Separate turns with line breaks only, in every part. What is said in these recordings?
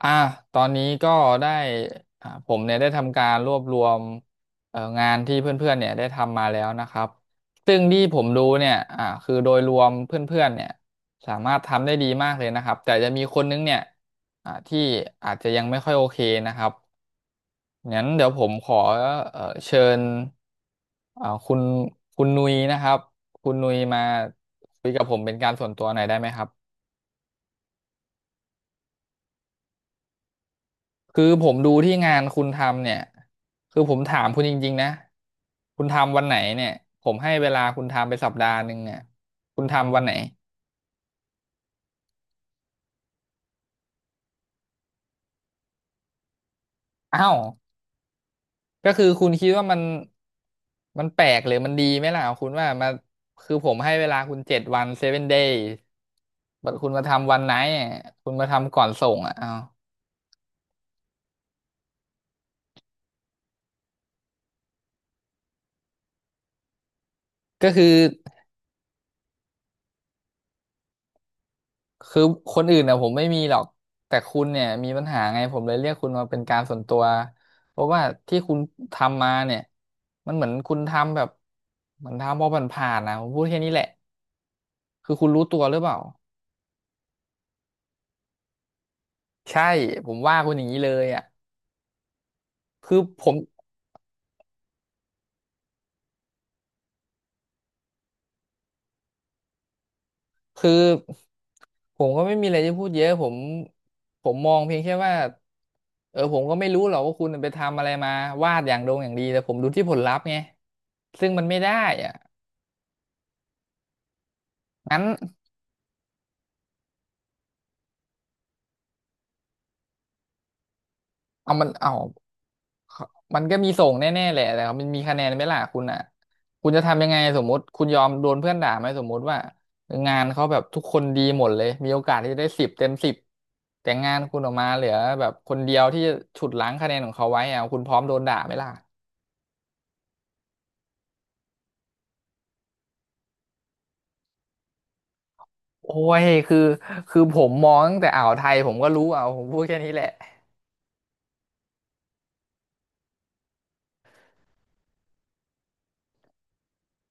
อ่ะตอนนี้ก็ได้ผมเนี่ยได้ทำการรวบรวมงานที่เพื่อนๆเนี่ยได้ทำมาแล้วนะครับซึ่งที่ผมดูเนี่ยคือโดยรวมเพื่อนๆเนี่ยสามารถทำได้ดีมากเลยนะครับแต่จะมีคนนึงเนี่ยที่อาจจะยังไม่ค่อยโอเคนะครับงั้นเดี๋ยวผมขอเชิญอ่าคุณคุณนุยนะครับคุณนุยมาคุยกับผมเป็นการส่วนตัวหน่อยได้ไหมครับ คือผมดูที่งานคุณทำเนี่ยคือผมถามคุณจริงๆนะคุณทำวันไหนเนี่ยผมให้เวลาคุณทำไปสัปดาห์หนึ่งเนี่ยคุณทำวันไหนอ้าวก็คือคุณคิดว่ามันแปลกหรือมันดีไหมล่ะคุณว่ามาคือผมให้เวลาคุณเจ็ดวันเซเว่นเดย์คุณมาทำวันไหนอะคุณมาทำก่อนส่งอ่ะอ้าวก็คือ คือคนอื่นน่ะผมไม่มีหรอกแต่คุณเนี่ยมีปัญหาไงผมเลยเรียกคุณมาเป็นการส่วนตัวเพราะว่าที่คุณทำมาเนี่ยมันเหมือนคุณทำแบบเหมือนทำพอผ่านๆนะผมพูดแค่นี้แหละคือคุณรู้ตัวหรือเปล่าใช่ผมว่าคุณอย่างนี้เลยอ่ะคือผมคือผมก็ไม่มีอะไรจะพูดเยอะผมมองเพียงแค่ว่าเออผมก็ไม่รู้หรอกว่าคุณไปทำอะไรมาวาดอย่างดงอย่างดีแต่ผมดูที่ผลลัพธ์ไงซึ่งมันไม่ได้อ่ะงั้นเอามันเอา มันก็มีส่งแน่ๆแหละแต่มันมีคะแนนไหมล่ะคุณอ่ะคุณจะทำยังไงสมมติคุณยอมโดนเพื่อนด่าไหมสมมติว่างานเขาแบบทุกคนดีหมดเลยมีโอกาสที่จะได้สิบเต็มสิบแต่งานคุณออกมาเหลือแบบคนเดียวที่จะฉุดล้างคะแนนของเขาไว้อ่ะคุณพร้อมโดนด่าไหมล่ะโอ้ยคือคือผมมองตั้งแต่อ่าวไทยผมก็รู้อ่ะผมพูดแค่นี้แหละ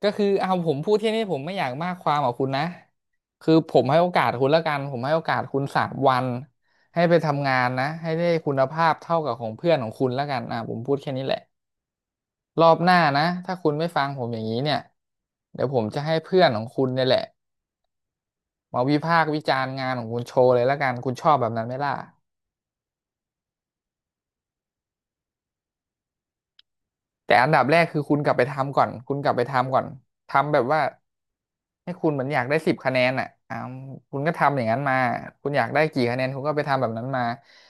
ก็คือเอาผมพูดที่นี่ผมไม่อยากมากความกับคุณนะคือผมให้โอกาสคุณแล้วกันผมให้โอกาสคุณสามวันให้ไปทำงานนะให้ได้คุณภาพเท่ากับของเพื่อนของคุณแล้วกันอ่ะผมพูดแค่นี้แหละรอบหน้านะถ้าคุณไม่ฟังผมอย่างนี้เนี่ยเดี๋ยวผมจะให้เพื่อนของคุณเนี่ยแหละมาวิพากษ์วิจารณ์งานของคุณโชว์เลยแล้วกันคุณชอบแบบนั้นไหมล่ะ แต่อันดับแรกคือคุณกลับไปทำก่อนคุณกลับไปทำก่อนทำแบบว่าให้คุณเหมือนอยากได้สิบคะแนนอ่ะคุณก็ทำอย่างนั้นมาคุณอยากได้กี่คะแนนคุณก็ไปทำแบบนั้นมา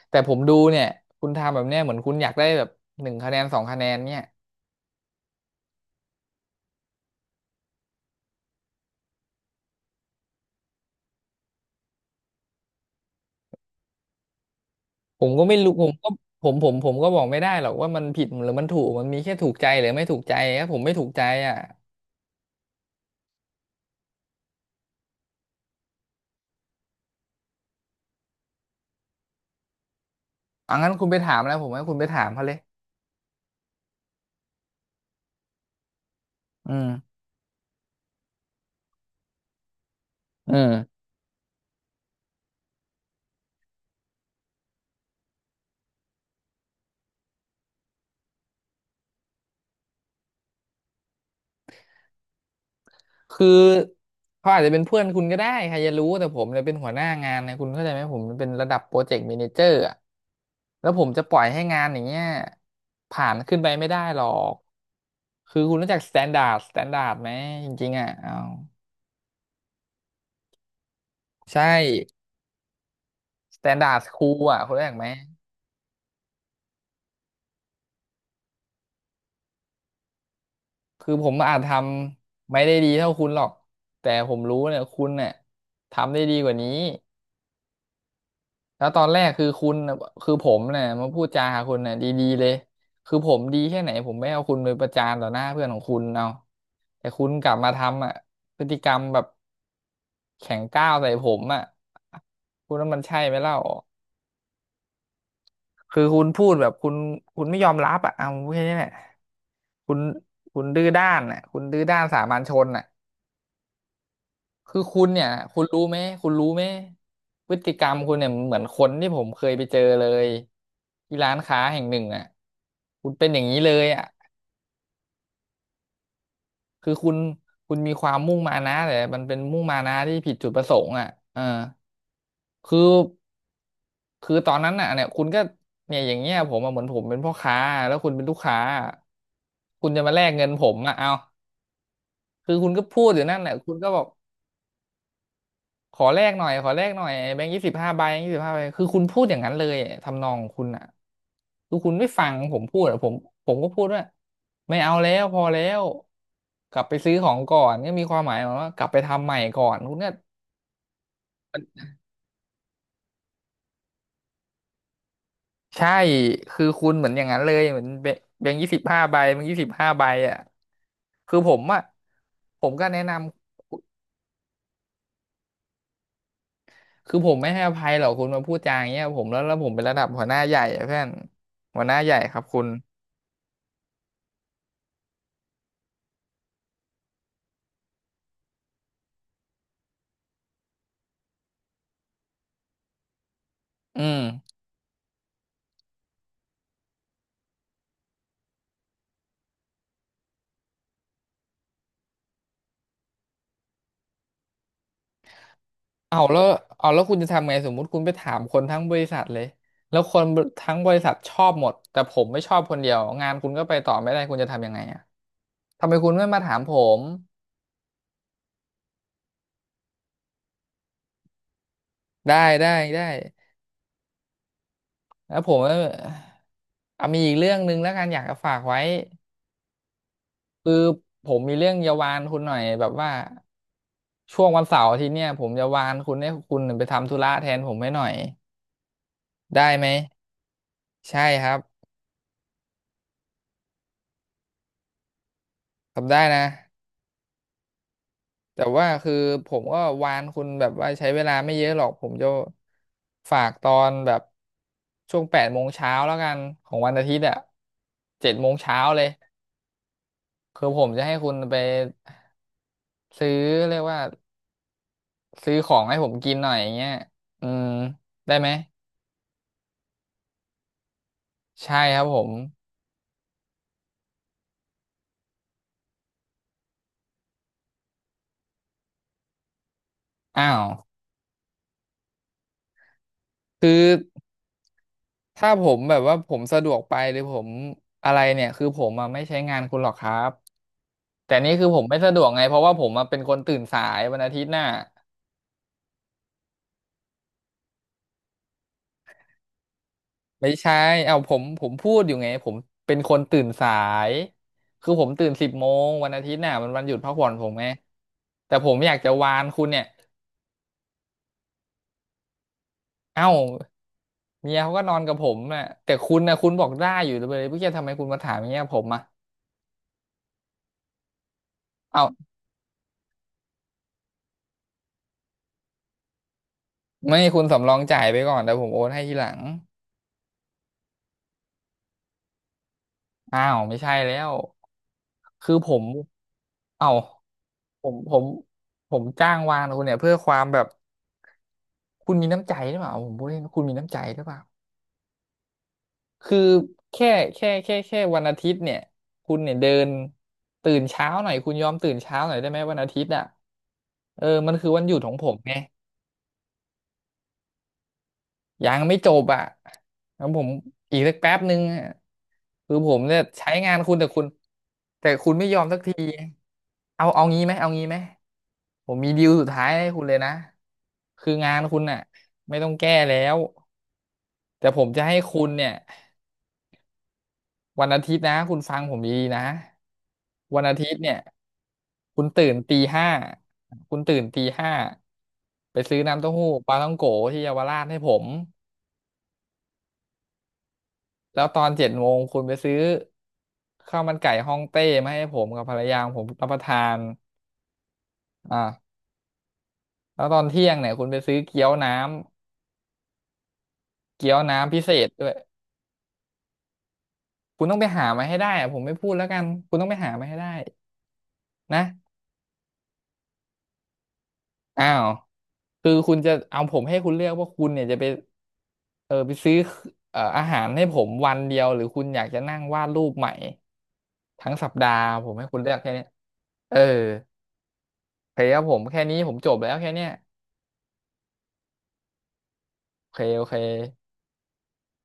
แต่ผมดูเนี่ยคุณทำแบบเนี้ยเหมือนคุณอยากได้แบบหนึ่งคะแนนสองคะแนนเนี่ยผมก็ไม่รู้ผมก็ผมผมผมก็บอกไม่ได้หรอกว่ามันผิดหรือมันถูกมันมีแค่ถูกใจหรือไม่ถูกใจถ้าผมไม่ถูกใจอ่ะงั้นคุณไปถามแล้วผมให้คุณไปถามเขาเลยอืมอืม คือเขาอาจจะเป็นเพื่อนคุณก็ได้ใครจะรู้แต่ผมเนี่ยเป็นหัวหน้างานนะคุณเข้าใจไหมผมเป็นระดับโปรเจกต์แมเนเจอร์อะแล้วผมจะปล่อยให้งานอย่างเงี้ยผ่านขึ้นไปไม่ได้หรอกคือคุณรู้จักสแตนดาร์ดไหมจริงๆอ่ะเอาใช่สแตนดาร์ดครูอ่ะคุณรู้จักไหมคือผมอาจทำไม่ได้ดีเท่าคุณหรอกแต่ผมรู้เนี่ยคุณเนี่ยทำได้ดีกว่านี้ แล้วตอนแรกคือคุณน่ะคือผมเนี่ยมาพูดจาหาคุณเนี่ยดีๆเลยคือผมดีแค่ไหนผมไม่เอาคุณไปประจานต่อหน้าเพื่อนของคุณเอาแต่คุณกลับมาทำอ่ะพฤติกรรมแบบแข็งก้าวใส่ผมอ่ะคุณว่ามันใช่ไหมเล่าคือคุณพูดแบบคุณไม่ยอมรับอ่ะเอาแค่นี้แหละคุณคุณดื้อด้านอ่ะคุณดื้อด้านสามัญชนอ่ะ คือคุณเนี่ยคุณรู้ไหมคุณรู้ไหมพฤติกรรมคุณเนี่ยเหมือนคนที่ผมเคยไปเจอเลยที่ร้านค้าแห่งหนึ่งอ่ะคุณเป็นอย่างนี้เลยอ่ะคือคุณคุณมีความมุ่งมานะแต่มันเป็นมุ่งมานะที่ผิดจุดประสงค์อ่ะเออคือคือตอนนั้นอ่ะเนี่ยคุณก็เนี่ยอย่างเงี้ยผมอะเหมือนผมเป็นพ่อค้าแล้วคุณเป็นลูกค้าคุณจะมาแลกเงินผมอ่ะเอาคือคุณก็พูดอยู่นั่นแหละคุณก็บอก ขอแลกหน่อยขอแลกหน่อยแบงค์ยี่สิบห้าใบยี่สิบห้าใบคือคุณพูดอย่างนั้นเลยทำนองของคุณอ่ะคือคุณไม่ฟังผมพูดอะผมก็พูดว่าไม่เอาแล้วพอแล้วกลับไปซื้อของก่อนก็มีความหมายว่ากลับไปทำใหม่ก่อนคุณก็ใช่คือคุณเหมือนอย่างนั้นเลยเหมือนแบงค์ยี่สิบห้าใบแบงค์ยี่สิบห้าใบอ่ะคือผมอ่ะผมก็แนะนำคือผมไม่ให้อภัยหรอกคุณมาพูดจาอย่างเงี้ยผมแล้วแล้วผมเป็นระดับหัวหน้าใหญ่อะเพื่อนหัวหน้าใหญ่ครับคุณอืม เอาแล้วเอาแล้วคุณจะทำไงสมมุติคุณไปถามคนทั้งบริษัทเลยแล้วคนทั้งบริษัทชอบหมดแต่ผมไม่ชอบคนเดียวงานคุณก็ไปต่อไม่ได้คุณจะทำยังไงอ่ะทำไมคุณไม่มาถามผมได้ได้ได้แล้วผมก็เอามีอีกเรื่องหนึ่งแล้วกันอยากจะฝากไว้คือผมมีเรื่องจะวานคุณหน่อยแบบว่าช่วงวันเสาร์อาทิตย์เนี่ยผมจะวานคุณให้คุณไปทำธุระแทนผมให้หน่อยได้ไหมใช่ครับทำได้นะ แต่ว่าคือผมก็วานคุณแบบว่าใช้เวลาไม่เยอะหรอกผมจะฝากตอนแบบช่วงแปดโมงเช้าแล้วกันของวันอาทิตย์อ่ะเจ็ดโมงเช้าเลยคือผมจะให้คุณไปซื้อเรียกว่าซื้อของให้ผมกินหน่อยอย่างเงี้ยอืมได้ไหมใช่ครับผมอ้าวคือถ้าผมแบบว่าผมสะดวกไปหรือผมอะไรเนี่ยคือผมอะไม่ใช้งานคุณหรอกครับแต่นี่คือผมไม่สะดวกไงเพราะว่าผมอะเป็นคนตื่นสายวันอาทิตย์น่ะ ไม่ใช่เอาผมพูดอยู่ไงผมเป็นคนตื่นสายคือผมตื่นสิบโมงวันอาทิตย์น่ะมันวันหยุดพักผ่อนผมไงแต่ผมอยากจะวานคุณเนี่ยเอ้าเมียเขาก็นอนกับผมน่ะแต่คุณนะคุณบอกได้อยู่เลยเพื่อทำไมคุณมาถามอย่างเงี้ยผมอ่ะเอ้าไม่คุณสำรองจ่ายไปก่อนแต่ผมโอนให้ทีหลังอ้าวไม่ใช่แล้วคือผมเอ้าผมผมผมจ้างวานคุณเนี่ยเพื่อความแบบคุณมีน้ำใจหรือเปล่าผมพูดเล่นคุณมีน้ำใจหรือเปล่า คือแค่แค่วันอาทิตย์เนี่ยคุณเนี่ยเดินตื่นเช้าหน่อยคุณยอมตื่นเช้าหน่อยได้ไหมวันอาทิตย์อ่ะเออมันคือวันหยุดของผมไงยังไม่จบอ่ะแล้วผมอีกสักแป๊บนึงอะคือผมเนี่ยใช้งานคุณแต่คุณไม่ยอมสักทีเอาเอางี้ไหมผมมีดีลสุดท้ายให้คุณเลยนะคืองานคุณน่ะไม่ต้องแก้แล้วแต่ผมจะให้คุณเนี่ย วันอาทิตย์นะคุณฟังผมดีๆนะวันอาทิตย์เนี่ยคุณตื่นตีห้าคุณตื่นตีห้าไปซื้อน้ำเต้าหู้ปลาท่องโกที่เยาวราชให้ผมแล้วตอนเจ็ดโมงคุณไปซื้อข้าวมันไก่ฮ่องเต้มาให้ผมกับภรรยาของผมรับประทานอ่าแล้วตอนเที่ยงเนี่ยคุณไปซื้อเกี๊ยวน้ำพิเศษด้วยคุณต้องไปหามาให้ได้อะผมไม่พูดแล้วกันคุณต้องไปหามาให้ได้นะอ้าวคือคุณจะเอาผมให้คุณเลือกว่าคุณเนี่ยจะไป เออไปซื้ออาหารให้ผมวันเดียวหรือคุณอยากจะนั่งวาดรูปใหม่ทั้งสัปดาห์ผมให้คุณเลือกแค่เนี้ยเออโอเคครับผมแค่นี้ผมจบแล้วแค่เนี้ยโอเคโอเค